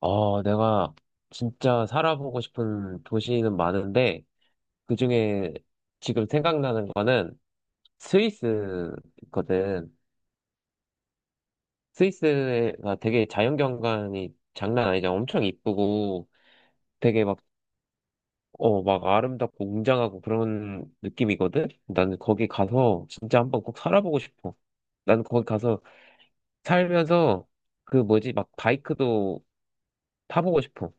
어, 내가 진짜 살아보고 싶은 도시는 많은데, 그중에 지금 생각나는 거는 스위스거든. 스위스가 되게 자연경관이 장난 아니잖아. 엄청 이쁘고, 되게 막, 막 아름답고 웅장하고 그런 느낌이거든? 나는 거기 가서 진짜 한번 꼭 살아보고 싶어. 나는 거기 가서 살면서 그 뭐지, 막 바이크도 타보고 싶어.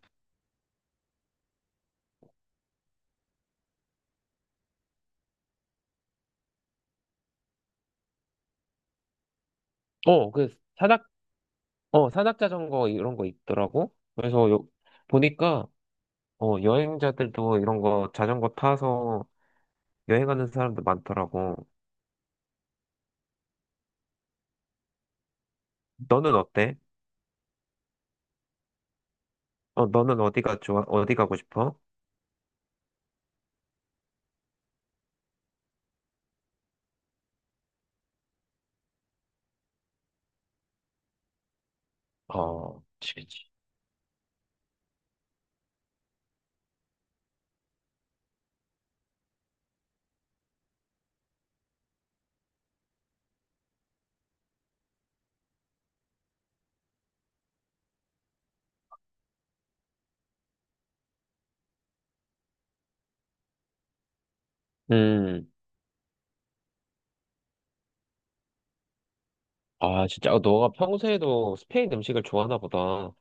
어, 그 사다 산악자전거 이런 거 있더라고. 그래서 요, 보니까, 여행자들도 이런 거 자전거 타서 여행하는 사람도 많더라고. 너는 어때? 너는 어디가 좋아? 어디 가고 싶어? 어, 그치, 그치. 음, 아, 진짜. 어, 너가 평소에도 스페인 음식을 좋아하나 보다.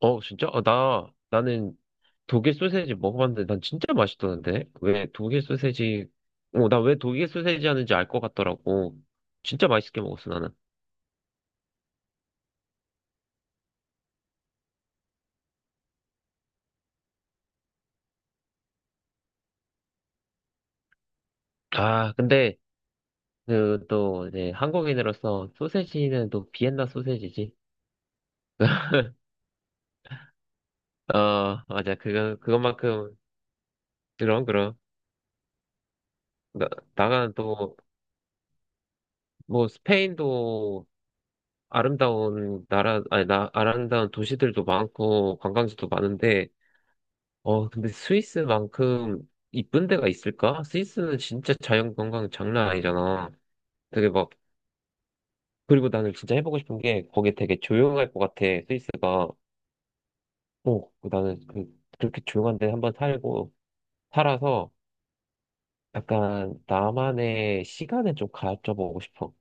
어, 진짜? 어, 나는 독일 소세지 먹어봤는데 난 진짜 맛있던데? 왜 독일 소세지, 어, 나 왜 독일 소세지 하는지 알 것 같더라고. 진짜 맛있게 먹었어, 나는. 아, 근데 그, 또, 이제, 한국인으로서 소세지는 또 비엔나 소세지지. 어, 맞아. 그거, 그것만큼, 그럼, 그럼. 나, 나간 또, 뭐, 스페인도 아름다운 나라, 아니, 나, 아름다운 도시들도 많고, 관광지도 많은데, 근데 스위스만큼 이쁜 데가 있을까? 스위스는 진짜 자연 관광 장난 아니잖아. 되게 막, 그리고 나는 진짜 해보고 싶은 게, 거기 되게 조용할 것 같아, 스위스가. 어, 나는 그, 그렇게 조용한 데 한번 살아서 약간 나만의 시간을 좀 가져보고 싶어.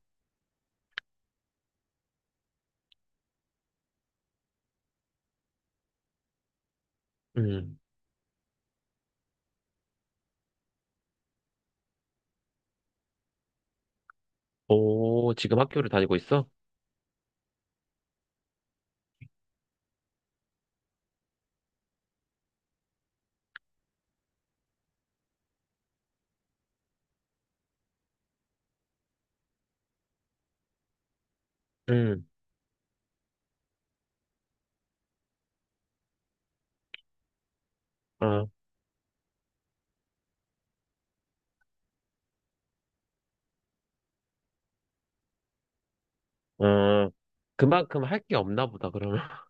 음. 오, 지금 학교를 다니고 있어? 음. 아, 어. 그만큼 할 게 없나 보다, 그러면.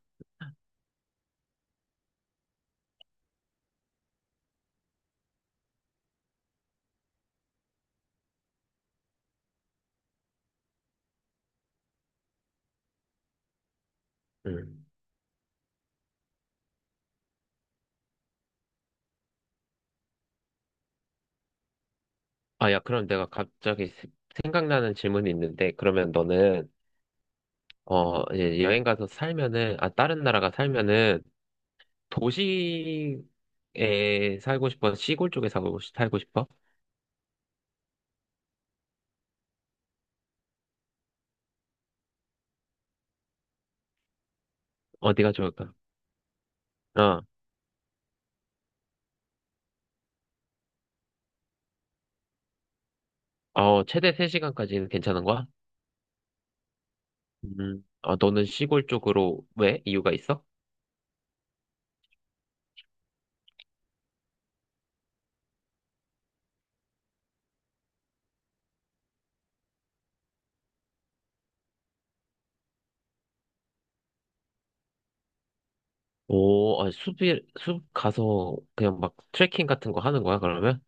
음. 아, 야, 그럼 내가 갑자기 생각나는 질문이 있는데, 그러면 너는, 이제 여행 가서 살면은, 아, 다른 나라가 살면은, 도시에 살고 싶어? 시골 쪽에 살고 싶어? 어디가 좋을까? 어, 어, 최대 3시간까지는 괜찮은 거야? 음. 아, 너는 시골 쪽으로 왜? 이유가 있어? 오, 아, 숲 가서 그냥 막 트레킹 같은 거 하는 거야, 그러면?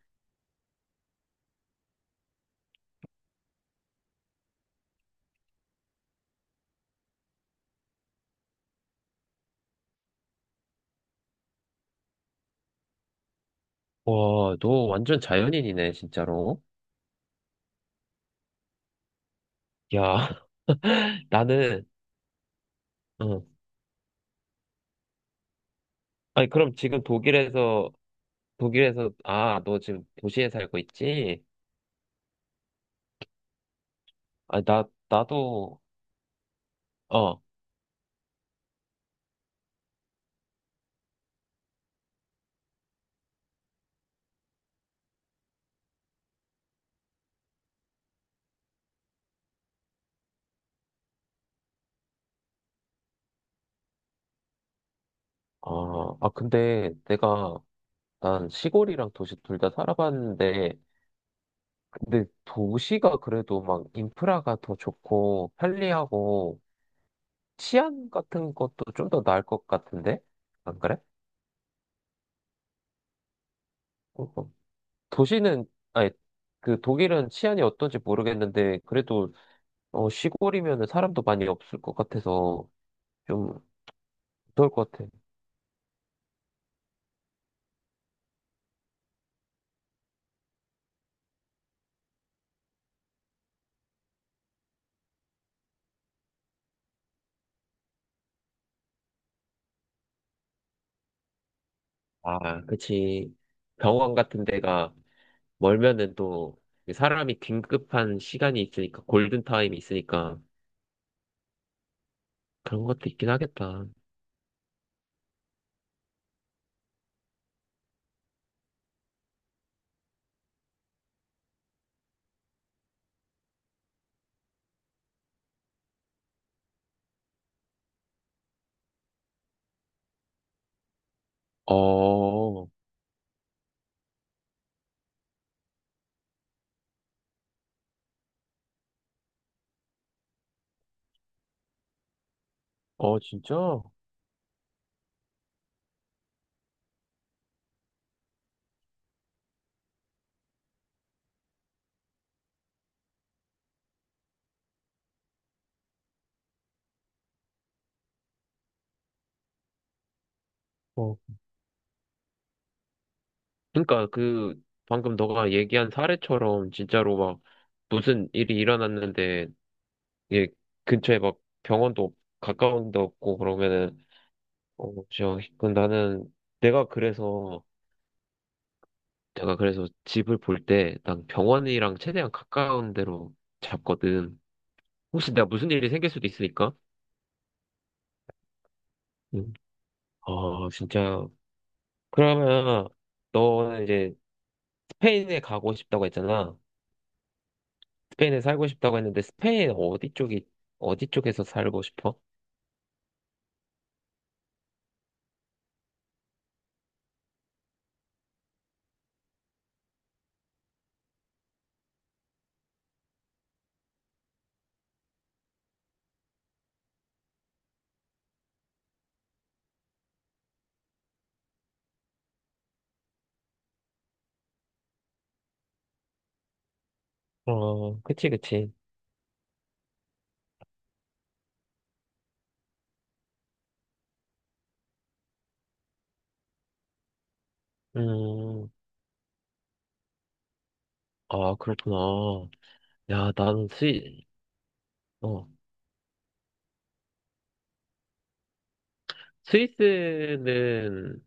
와, 너 완전 자연인이네, 진짜로. 야, 나는, 어. 아니, 그럼 지금 독일에서, 아, 너 지금 도시에 살고 있지? 아, 나도, 어, 아, 아, 근데 내가, 난 시골이랑 도시 둘 다 살아봤는데, 근데 도시가 그래도 막 인프라가 더 좋고 편리하고 치안 같은 것도 좀 더 나을 것 같은데? 안 그래? 어, 어. 도시는, 아니, 그 독일은 치안이 어떤지 모르겠는데, 그래도 시골이면 사람도 많이 없을 것 같아서 좀 무서울 것 같아. 아, 그치. 병원 같은 데가 멀면은 또 사람이 긴급한 시간이 있으니까, 골든타임이 있으니까 그런 것도 있긴 하겠다. 어, 어, 진짜? 어, 그러니까 그 방금 너가 얘기한 사례처럼 진짜로 막 무슨 일이 일어났는데 이게 근처에 막 병원도 없- 가까운 데 없고 그러면은 어진그 나는 내가 그래서 내가 그래서 집을 볼 때 난 병원이랑 최대한 가까운 데로 잡거든. 혹시 내가 무슨 일이 생길 수도 있으니까. 음. 아 진짜 그러면 너는 이제 스페인에 가고 싶다고 했잖아. 스페인에 살고 싶다고 했는데 스페인 어디 쪽에서 살고 싶어? 어, 그치 그치. 음, 아 그렇구나. 야, 어, 스위스는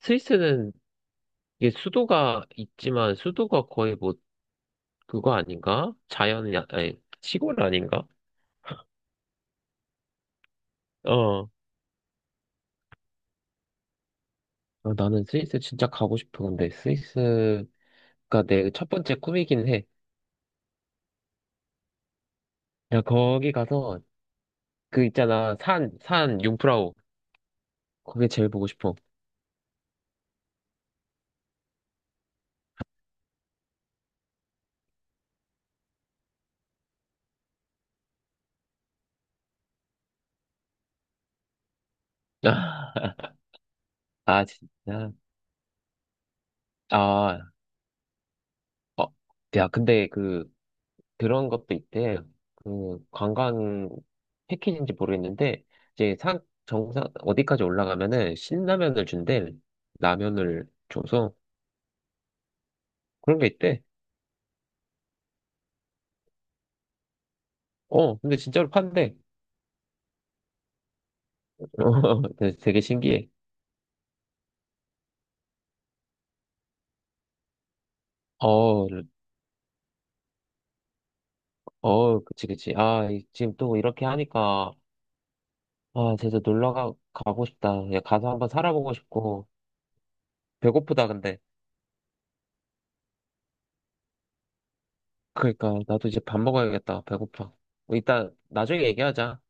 스위스는 이게 수도가 있지만 수도가 거의 뭐 그거 아닌가? 자연이 아니 시골 아닌가? 어, 아, 나는 스위스 진짜 가고 싶어. 근데 스위스가 내 첫 번째 꿈이긴 해. 야, 거기 가서 그 있잖아 산 융프라우 거기 제일 보고 싶어. 아, 진짜. 아, 어, 야, 근데 그, 그런 것도 있대. 그, 관광 패키지인지 모르겠는데, 이제 산, 정상, 어디까지 올라가면은 신라면을 준대. 라면을 줘서. 그런 게 있대. 근데 진짜로 판대. 어, 되게 되게 신기해. 어, 어, 그치, 그치. 아, 지금 또 이렇게 하니까, 아, 진짜 놀러 가고 싶다. 야, 가서 한번 살아보고 싶고, 배고프다, 근데. 그러니까 나도 이제 밥 먹어야겠다. 배고파. 뭐 이따 나중에 얘기하자.